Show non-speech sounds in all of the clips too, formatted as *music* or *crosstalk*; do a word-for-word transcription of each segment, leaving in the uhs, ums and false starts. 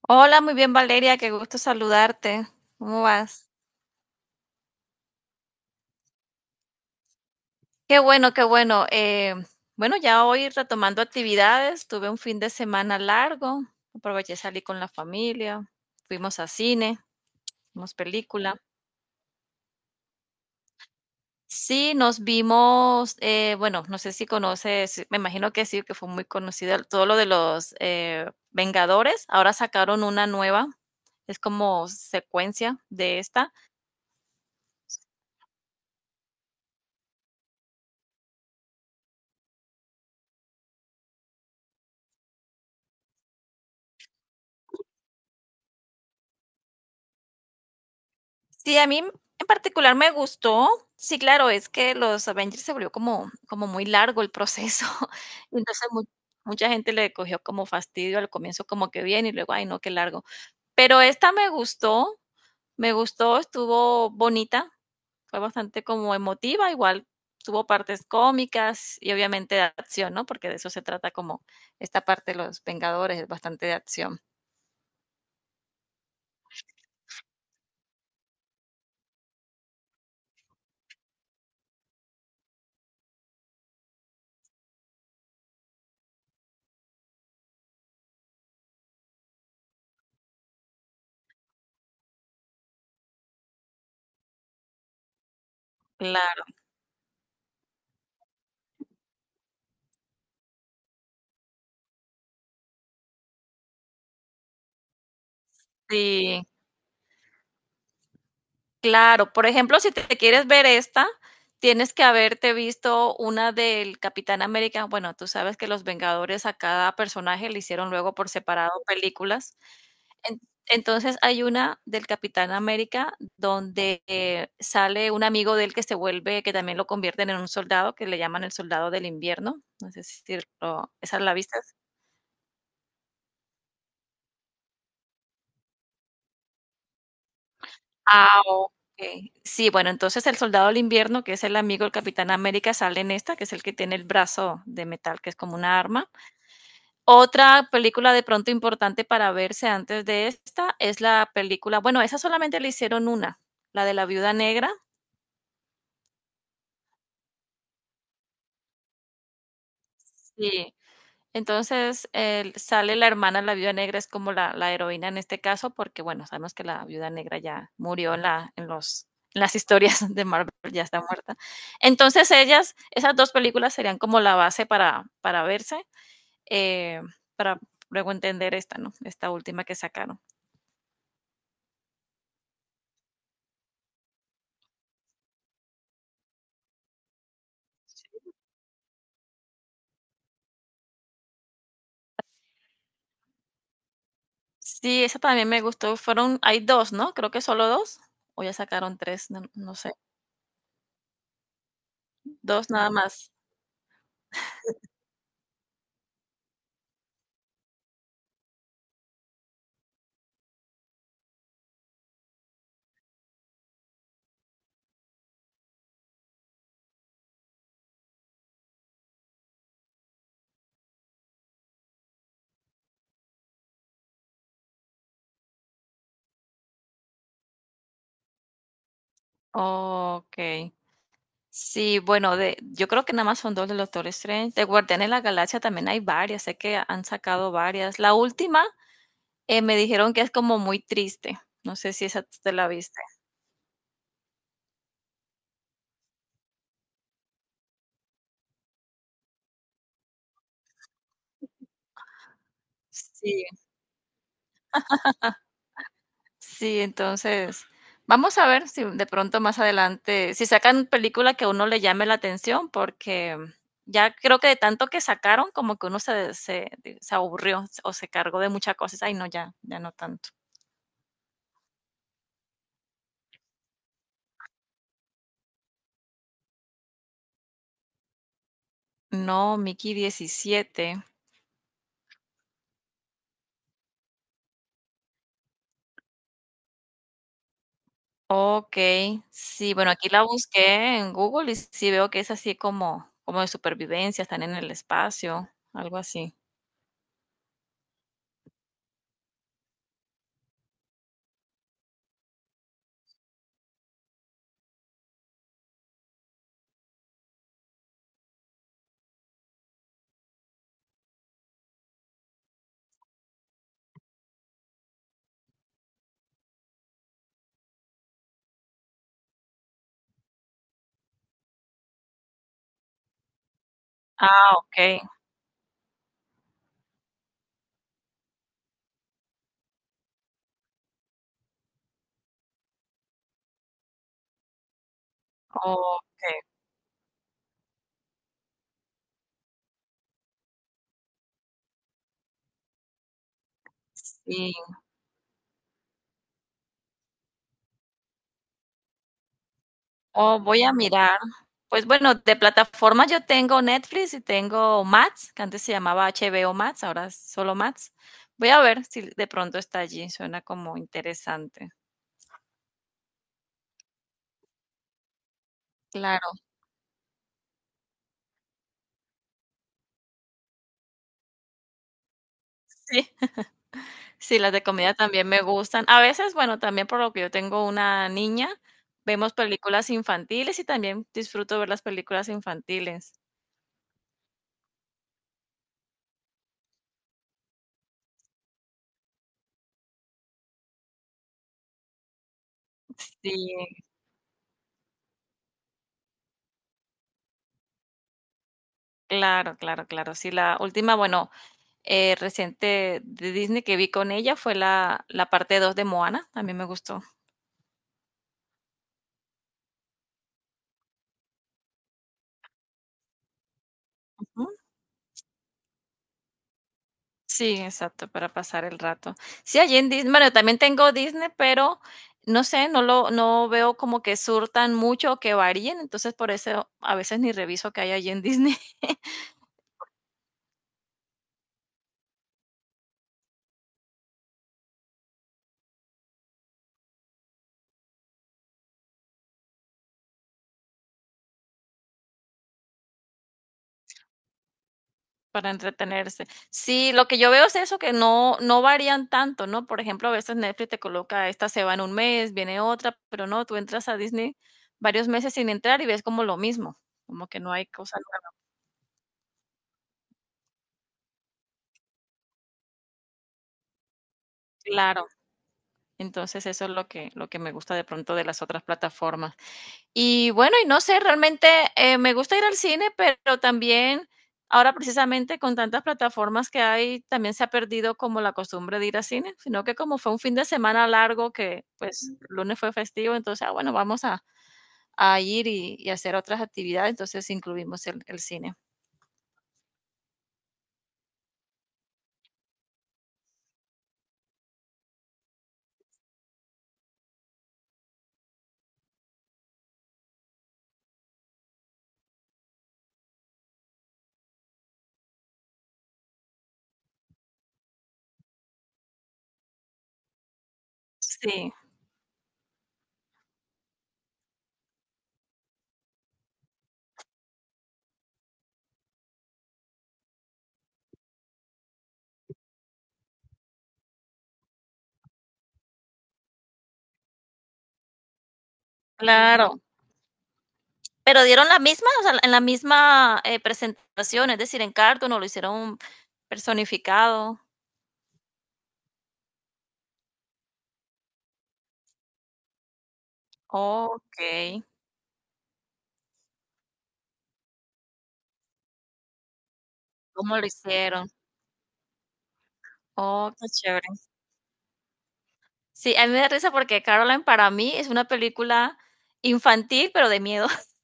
Hola, muy bien Valeria, qué gusto saludarte. ¿Cómo vas? Qué bueno, qué bueno. Eh, bueno, ya hoy retomando actividades, tuve un fin de semana largo, aproveché, salí con la familia, fuimos a cine, vimos película. Sí, nos vimos, eh, bueno, no sé si conoces, me imagino que sí, que fue muy conocido el- todo lo de los eh, Vengadores. Ahora sacaron una nueva, es como secuencia de esta. Sí, a mí en particular me gustó. Sí, claro, es que los Avengers se volvió como como muy largo el proceso. *laughs* Y entonces, mu mucha gente le cogió como fastidio al comienzo, como que bien, y luego, ay, no, qué largo. Pero esta me gustó, me gustó, estuvo bonita, fue bastante como emotiva, igual tuvo partes cómicas y obviamente de acción, ¿no? Porque de eso se trata como esta parte de los Vengadores, es bastante de acción. Claro, sí. Claro, por ejemplo, si te quieres ver esta, tienes que haberte visto una del Capitán América. Bueno, tú sabes que los Vengadores a cada personaje le hicieron luego por separado películas. En- entonces hay una del Capitán América donde eh, sale un amigo de él que se vuelve, que también lo convierten en un soldado, que le llaman el soldado del invierno. No sé si lo, esa la viste. Ah, okey. Sí, bueno, entonces el Soldado del Invierno, que es el amigo del Capitán América, sale en esta, que es el que tiene el brazo de metal, que es como una arma. Otra película de pronto importante para verse antes de esta es la película bueno, esa solamente le hicieron una, la de la Viuda Negra. Sí. Entonces, el sale la hermana, la viuda negra es como la la heroína en este caso, porque, bueno, sabemos que la viuda negra ya murió en la en los en las historias *laughs* de Marvel, ya está muerta. Entonces, ellas esas dos películas serían como la base para para verse, eh, para luego entender esta, ¿no? Esta última que sacaron. Sí, esa también me gustó, fueron hay dos, ¿no? Creo que solo dos o ya sacaron tres, no no sé, dos nada más. Okey. Sí, bueno, de, yo creo que nada más son dos de Doctor Strange. De Guardianes de la Galaxia también hay varias, sé que han sacado varias. La última eh, me dijeron que es como muy triste. No sé si esa tú te la viste. Sí, sí, entonces vamos a ver si de pronto más adelante, si sacan película que a uno le llame la atención, porque ya creo que de tanto que sacaron, como que uno se, se, se, aburrió o se cargó de muchas cosas. Ay, no, ya, ya no tanto. No, Mickey diecisiete. Okey. Sí, bueno, aquí la busqué en Google y sí veo que es así como como de supervivencia, están en el espacio, algo así. Ah, okey, okey, sí. Oh, voy a mirar. Pues, bueno, de plataformas yo tengo Netflix y tengo Max, que antes se llamaba H B O Max, ahora es solo Max. Voy a ver si de pronto está allí, suena como interesante. Claro, sí. Sí, las de comida también me gustan. A veces, bueno, también por lo que yo tengo una niña, vemos películas infantiles y también disfruto ver las películas infantiles. Sí, claro, claro, claro. Sí, la última, bueno, eh, reciente de Disney que vi con ella fue la, la parte dos de Moana, también me gustó. Ujú. Sí, exacto, para pasar el rato. Sí, allí en Disney, bueno, también tengo Disney, pero no sé, no lo, no veo como que surtan mucho o que varíen, entonces por eso a veces ni reviso que hay allí en Disney. Para entretenerse. Sí, lo que yo veo es eso, que no no varían tanto, ¿no? Por ejemplo, a veces Netflix te coloca, esta se va en un mes, viene otra, pero no, tú entras a Disney varios meses sin entrar y ves como lo mismo, como que no hay cosa nueva. Claro, entonces eso es lo que lo que me gusta de pronto de las otras plataformas. Y bueno, y no sé, realmente, eh, me gusta ir al cine, pero también ahora precisamente con tantas plataformas que hay, también se ha perdido como la costumbre de ir al cine, sino que como fue un fin de semana largo que, pues, lunes fue festivo, entonces, ah, bueno, vamos a a ir y y hacer otras actividades, entonces incluimos el el cine. Sí, claro. Pero dieron la misma, o sea, en la misma, eh, presentación, es decir, en cartón, o lo hicieron personificado. Okey, ¿cómo lo hicieron? Oh, qué chévere. Sí, a mí me da risa porque Caroline para mí es una película infantil, pero de miedo. *laughs*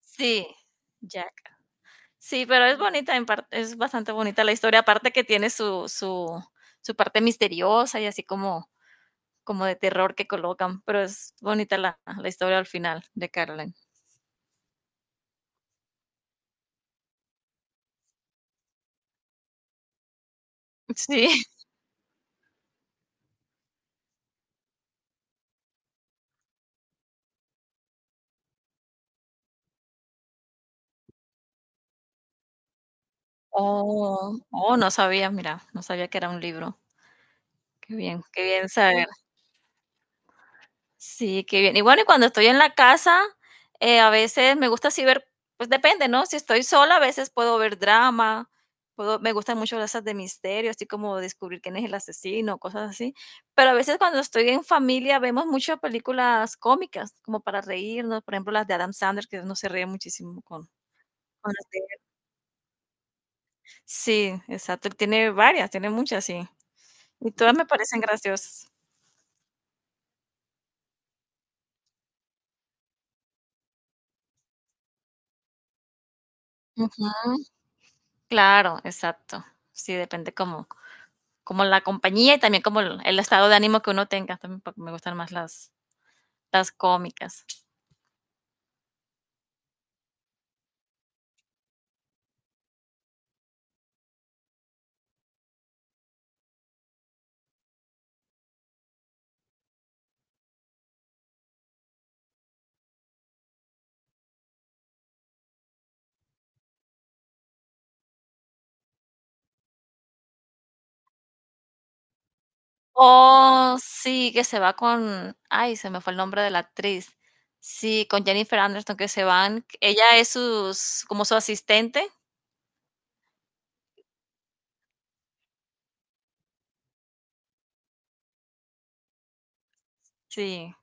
Sí, Jack. Sí, pero es bonita en parte, es bastante bonita la historia, aparte que tiene su, su, su parte misteriosa y así como, como de terror que colocan, pero es bonita la, la historia al final de Caroline. Sí. *laughs* Oh, oh, no sabía, mira, no sabía que era un libro. Qué bien, qué bien saber. Sí, qué bien. Y bueno, y cuando estoy en la casa, eh, a veces me gusta así ver, pues depende, ¿no? Si estoy sola, a veces puedo ver drama, puedo, me gustan mucho las de misterio, así como descubrir quién es el asesino, cosas así. Pero a veces cuando estoy en familia vemos muchas películas cómicas, como para reírnos, por ejemplo, las de Adam Sandler, que uno se ríe muchísimo con. Con las de él. Sí, exacto. Él tiene varias, tiene muchas, sí. Y todas me parecen graciosas. Ujú. Claro, exacto. Sí, depende cómo. Como la compañía y también como el, el estado de ánimo que uno tenga. También me gustan más las, las cómicas. Oh, sí, que se va con, ay, se me fue el nombre de la actriz. Sí, con Jennifer Anderson que se van. Ella es sus, como su asistente. Sí,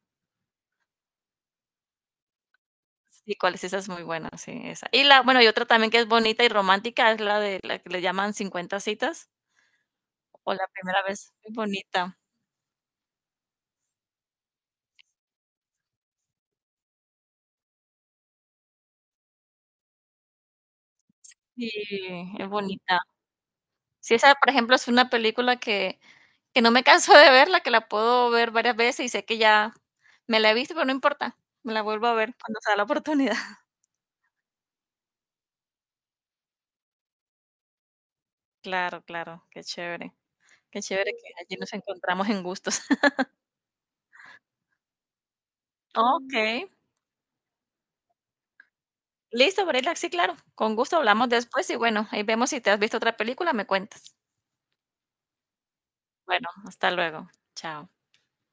sí, cuál es esa es muy buena, sí, esa. Y la, bueno, y otra también que es bonita y romántica es la de la que le llaman cincuenta citas o la primera vez. Es bonita. Sí, es bonita. Sí, esa, por ejemplo, es una película que que no me canso de verla, que la puedo ver varias veces y sé que ya me la he visto, pero no importa, me la vuelvo a ver cuando sea la oportunidad. *laughs* Claro, claro, qué chévere, qué chévere que allí nos encontramos en gustos. *laughs* Okey, listo, Brela, sí, claro, con gusto hablamos después y bueno, ahí vemos si te has visto otra película, me cuentas. Bueno, hasta luego, chao.